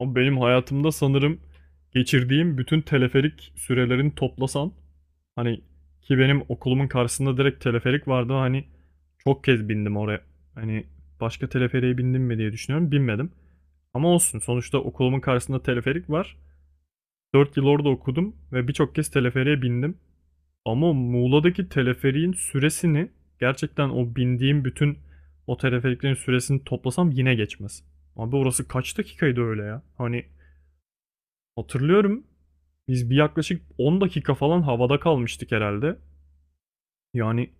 Ama benim hayatımda sanırım geçirdiğim bütün teleferik sürelerini toplasan, hani ki benim okulumun karşısında direkt teleferik vardı. Çok kez bindim oraya. Hani başka teleferiğe bindim mi diye düşünüyorum. Binmedim. Ama olsun, sonuçta okulumun karşısında teleferik var. 4 yıl orada okudum ve birçok kez teleferiğe bindim. Ama Muğla'daki teleferiğin süresini, gerçekten o bindiğim bütün o teleferiklerin süresini toplasam yine geçmez. Abi orası kaç dakikaydı öyle ya? Hani hatırlıyorum. Biz bir yaklaşık 10 dakika falan havada kalmıştık herhalde. Yani,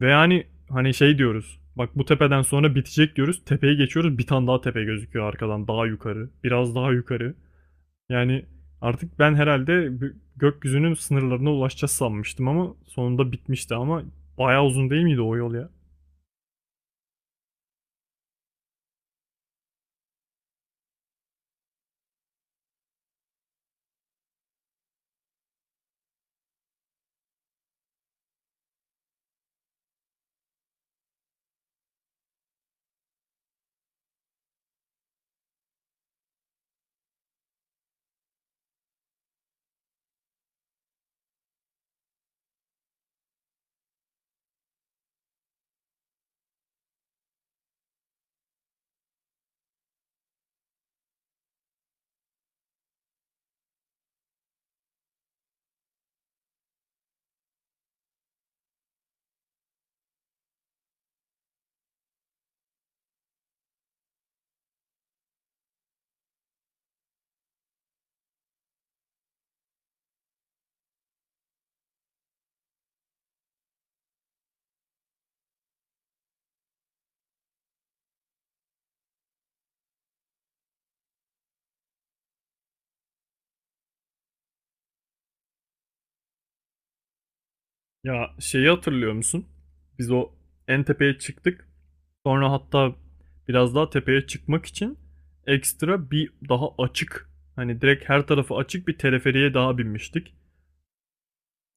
ve yani hani şey diyoruz. Bak, bu tepeden sonra bitecek diyoruz. Tepeye geçiyoruz. Bir tane daha tepe gözüküyor arkadan. Daha yukarı. Biraz daha yukarı. Yani artık ben herhalde gökyüzünün sınırlarına ulaşacağız sanmıştım, ama sonunda bitmişti. Ama bayağı uzun değil miydi o yol ya? Ya, şeyi hatırlıyor musun? Biz o en tepeye çıktık. Sonra hatta biraz daha tepeye çıkmak için ekstra bir daha açık, hani direkt her tarafı açık bir teleferiye daha binmiştik.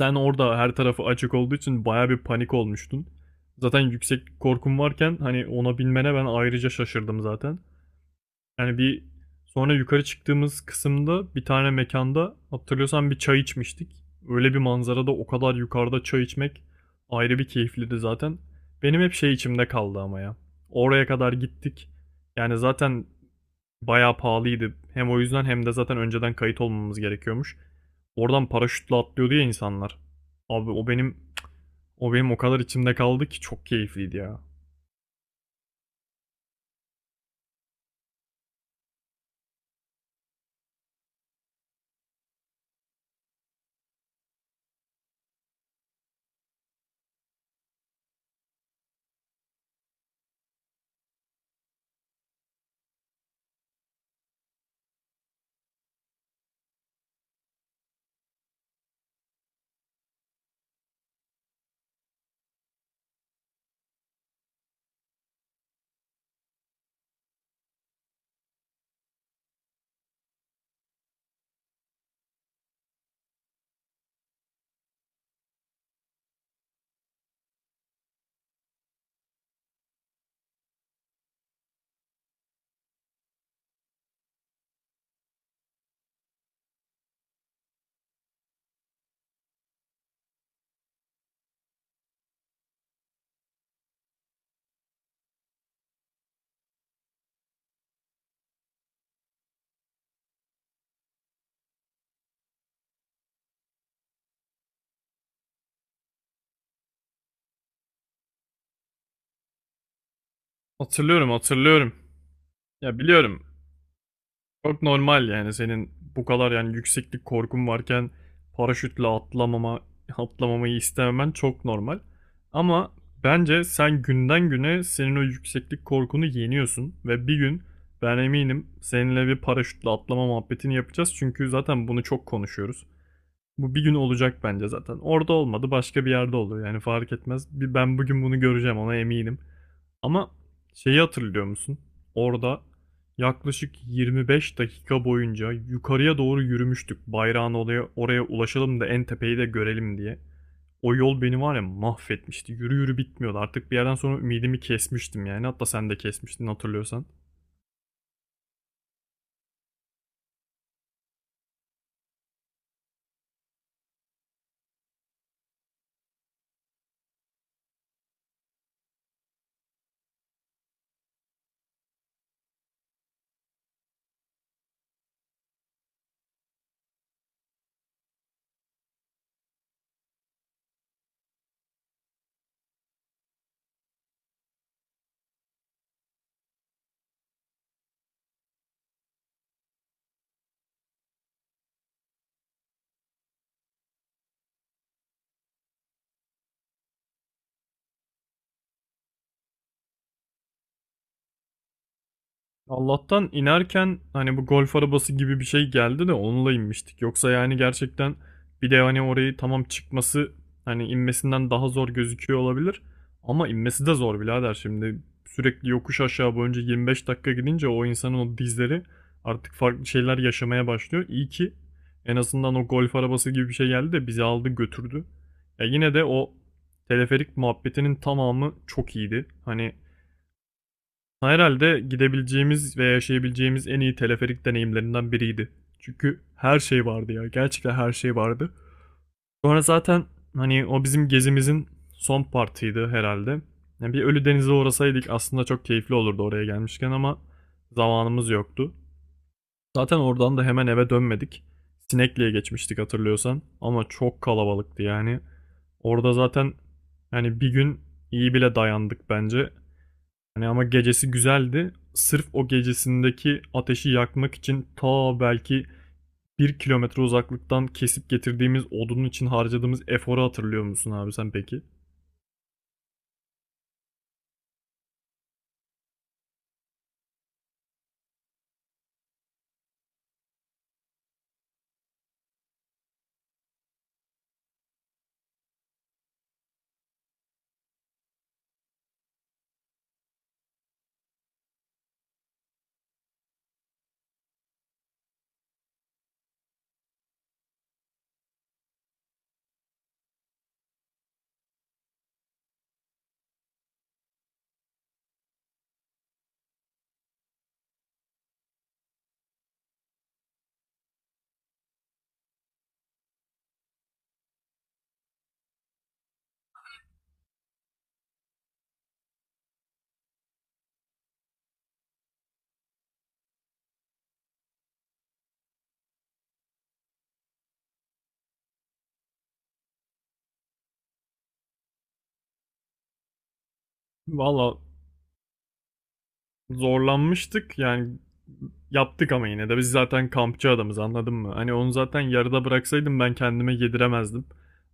Sen orada her tarafı açık olduğu için baya bir panik olmuştun. Zaten yüksek korkum varken hani ona binmene ben ayrıca şaşırdım zaten. Yani bir sonra yukarı çıktığımız kısımda bir tane mekanda, hatırlıyorsan, bir çay içmiştik. Öyle bir manzarada, o kadar yukarıda çay içmek ayrı bir keyifliydi zaten. Benim hep şey içimde kaldı ama ya. Oraya kadar gittik. Yani zaten bayağı pahalıydı. Hem o yüzden hem de zaten önceden kayıt olmamız gerekiyormuş. Oradan paraşütle atlıyordu ya insanlar. Abi o benim, o kadar içimde kaldı ki çok keyifliydi ya. Hatırlıyorum, hatırlıyorum. Ya biliyorum, çok normal yani senin bu kadar, yani, yükseklik korkun varken paraşütle atlamama atlamamayı istememen çok normal. Ama bence sen günden güne senin o yükseklik korkunu yeniyorsun ve bir gün, ben eminim, seninle bir paraşütle atlama muhabbetini yapacağız çünkü zaten bunu çok konuşuyoruz. Bu bir gün olacak bence zaten. Orada olmadı, başka bir yerde olur, yani fark etmez. Bir ben bugün bunu göreceğim, ona eminim. Ama şeyi hatırlıyor musun? Orada yaklaşık 25 dakika boyunca yukarıya doğru yürümüştük. Bayrağın oraya, oraya ulaşalım da en tepeyi de görelim diye. O yol beni var ya mahvetmişti. Yürü yürü bitmiyordu. Artık bir yerden sonra ümidimi kesmiştim yani. Hatta sen de kesmiştin, hatırlıyorsan. Allah'tan inerken hani bu golf arabası gibi bir şey geldi de onunla inmiştik. Yoksa yani gerçekten, bir de hani orayı, tamam, çıkması hani inmesinden daha zor gözüküyor olabilir. Ama inmesi de zor birader şimdi. Sürekli yokuş aşağı boyunca 25 dakika gidince o insanın o dizleri artık farklı şeyler yaşamaya başlıyor. İyi ki en azından o golf arabası gibi bir şey geldi de bizi aldı götürdü. Ya yine de o teleferik muhabbetinin tamamı çok iyiydi. Hani herhalde gidebileceğimiz ve yaşayabileceğimiz en iyi teleferik deneyimlerinden biriydi. Çünkü her şey vardı ya. Gerçekten her şey vardı. Sonra zaten hani o bizim gezimizin son partiydi herhalde. Yani bir Ölüdeniz'e uğrasaydık aslında çok keyifli olurdu oraya gelmişken, ama zamanımız yoktu. Zaten oradan da hemen eve dönmedik. Sinekli'ye geçmiştik hatırlıyorsan, ama çok kalabalıktı yani. Orada zaten, yani, bir gün iyi bile dayandık bence. Yani ama gecesi güzeldi. Sırf o gecesindeki ateşi yakmak için ta belki 1 kilometre uzaklıktan kesip getirdiğimiz odunun için harcadığımız eforu hatırlıyor musun abi sen peki? Valla zorlanmıştık yani, yaptık, ama yine de biz zaten kampçı adamız, anladın mı? Hani onu zaten yarıda bıraksaydım ben kendime yediremezdim.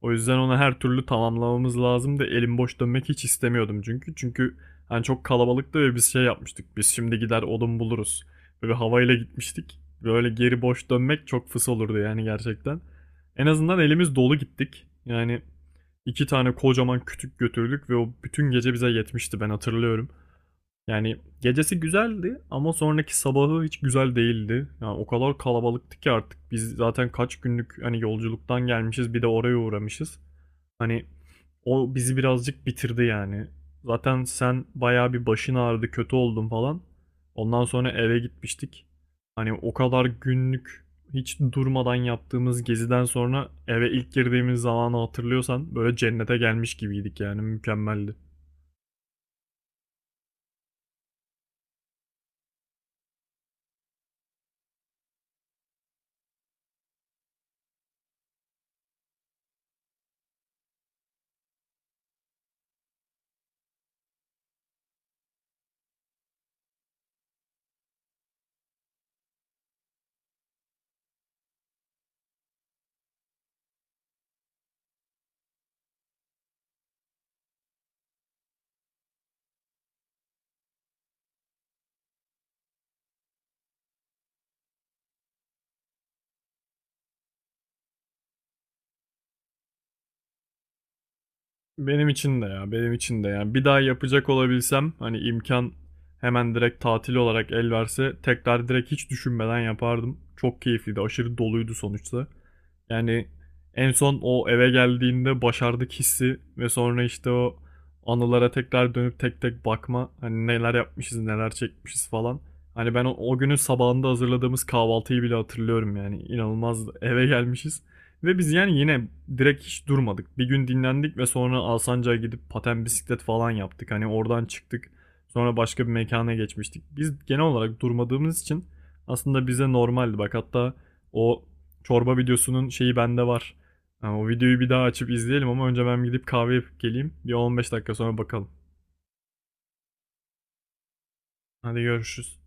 O yüzden ona her türlü tamamlamamız lazımdı. Elim boş dönmek hiç istemiyordum çünkü. Çünkü hani çok kalabalıktı ve biz şey yapmıştık. Biz şimdi gider odun buluruz. Böyle havayla gitmiştik. Böyle geri boş dönmek çok fıs olurdu yani gerçekten. En azından elimiz dolu gittik. Yani iki tane kocaman kütük götürdük ve o bütün gece bize yetmişti, ben hatırlıyorum. Yani gecesi güzeldi ama sonraki sabahı hiç güzel değildi. Yani o kadar kalabalıktı ki, artık biz zaten kaç günlük hani yolculuktan gelmişiz, bir de oraya uğramışız. Hani o bizi birazcık bitirdi yani. Zaten sen bayağı bir başın ağrıdı, kötü oldun falan. Ondan sonra eve gitmiştik. Hani o kadar günlük hiç durmadan yaptığımız geziden sonra eve ilk girdiğimiz zamanı hatırlıyorsan, böyle cennete gelmiş gibiydik yani, mükemmeldi. Benim için de ya, benim için de yani, bir daha yapacak olabilsem, hani imkan hemen direkt tatil olarak el verse, tekrar direkt hiç düşünmeden yapardım. Çok keyifliydi, aşırı doluydu sonuçta. Yani en son o eve geldiğinde başardık hissi, ve sonra işte o anılara tekrar dönüp tek tek bakma, hani neler yapmışız neler çekmişiz falan. Hani ben o, günün sabahında hazırladığımız kahvaltıyı bile hatırlıyorum yani, inanılmaz eve gelmişiz. Ve biz yani yine direkt hiç durmadık. Bir gün dinlendik ve sonra Alsancak'a gidip paten, bisiklet falan yaptık. Hani oradan çıktık. Sonra başka bir mekana geçmiştik. Biz genel olarak durmadığımız için aslında bize normaldi. Bak hatta o çorba videosunun şeyi bende var. Yani o videoyu bir daha açıp izleyelim ama önce ben gidip kahve yapıp geleyim. Bir 15 dakika sonra bakalım. Hadi görüşürüz.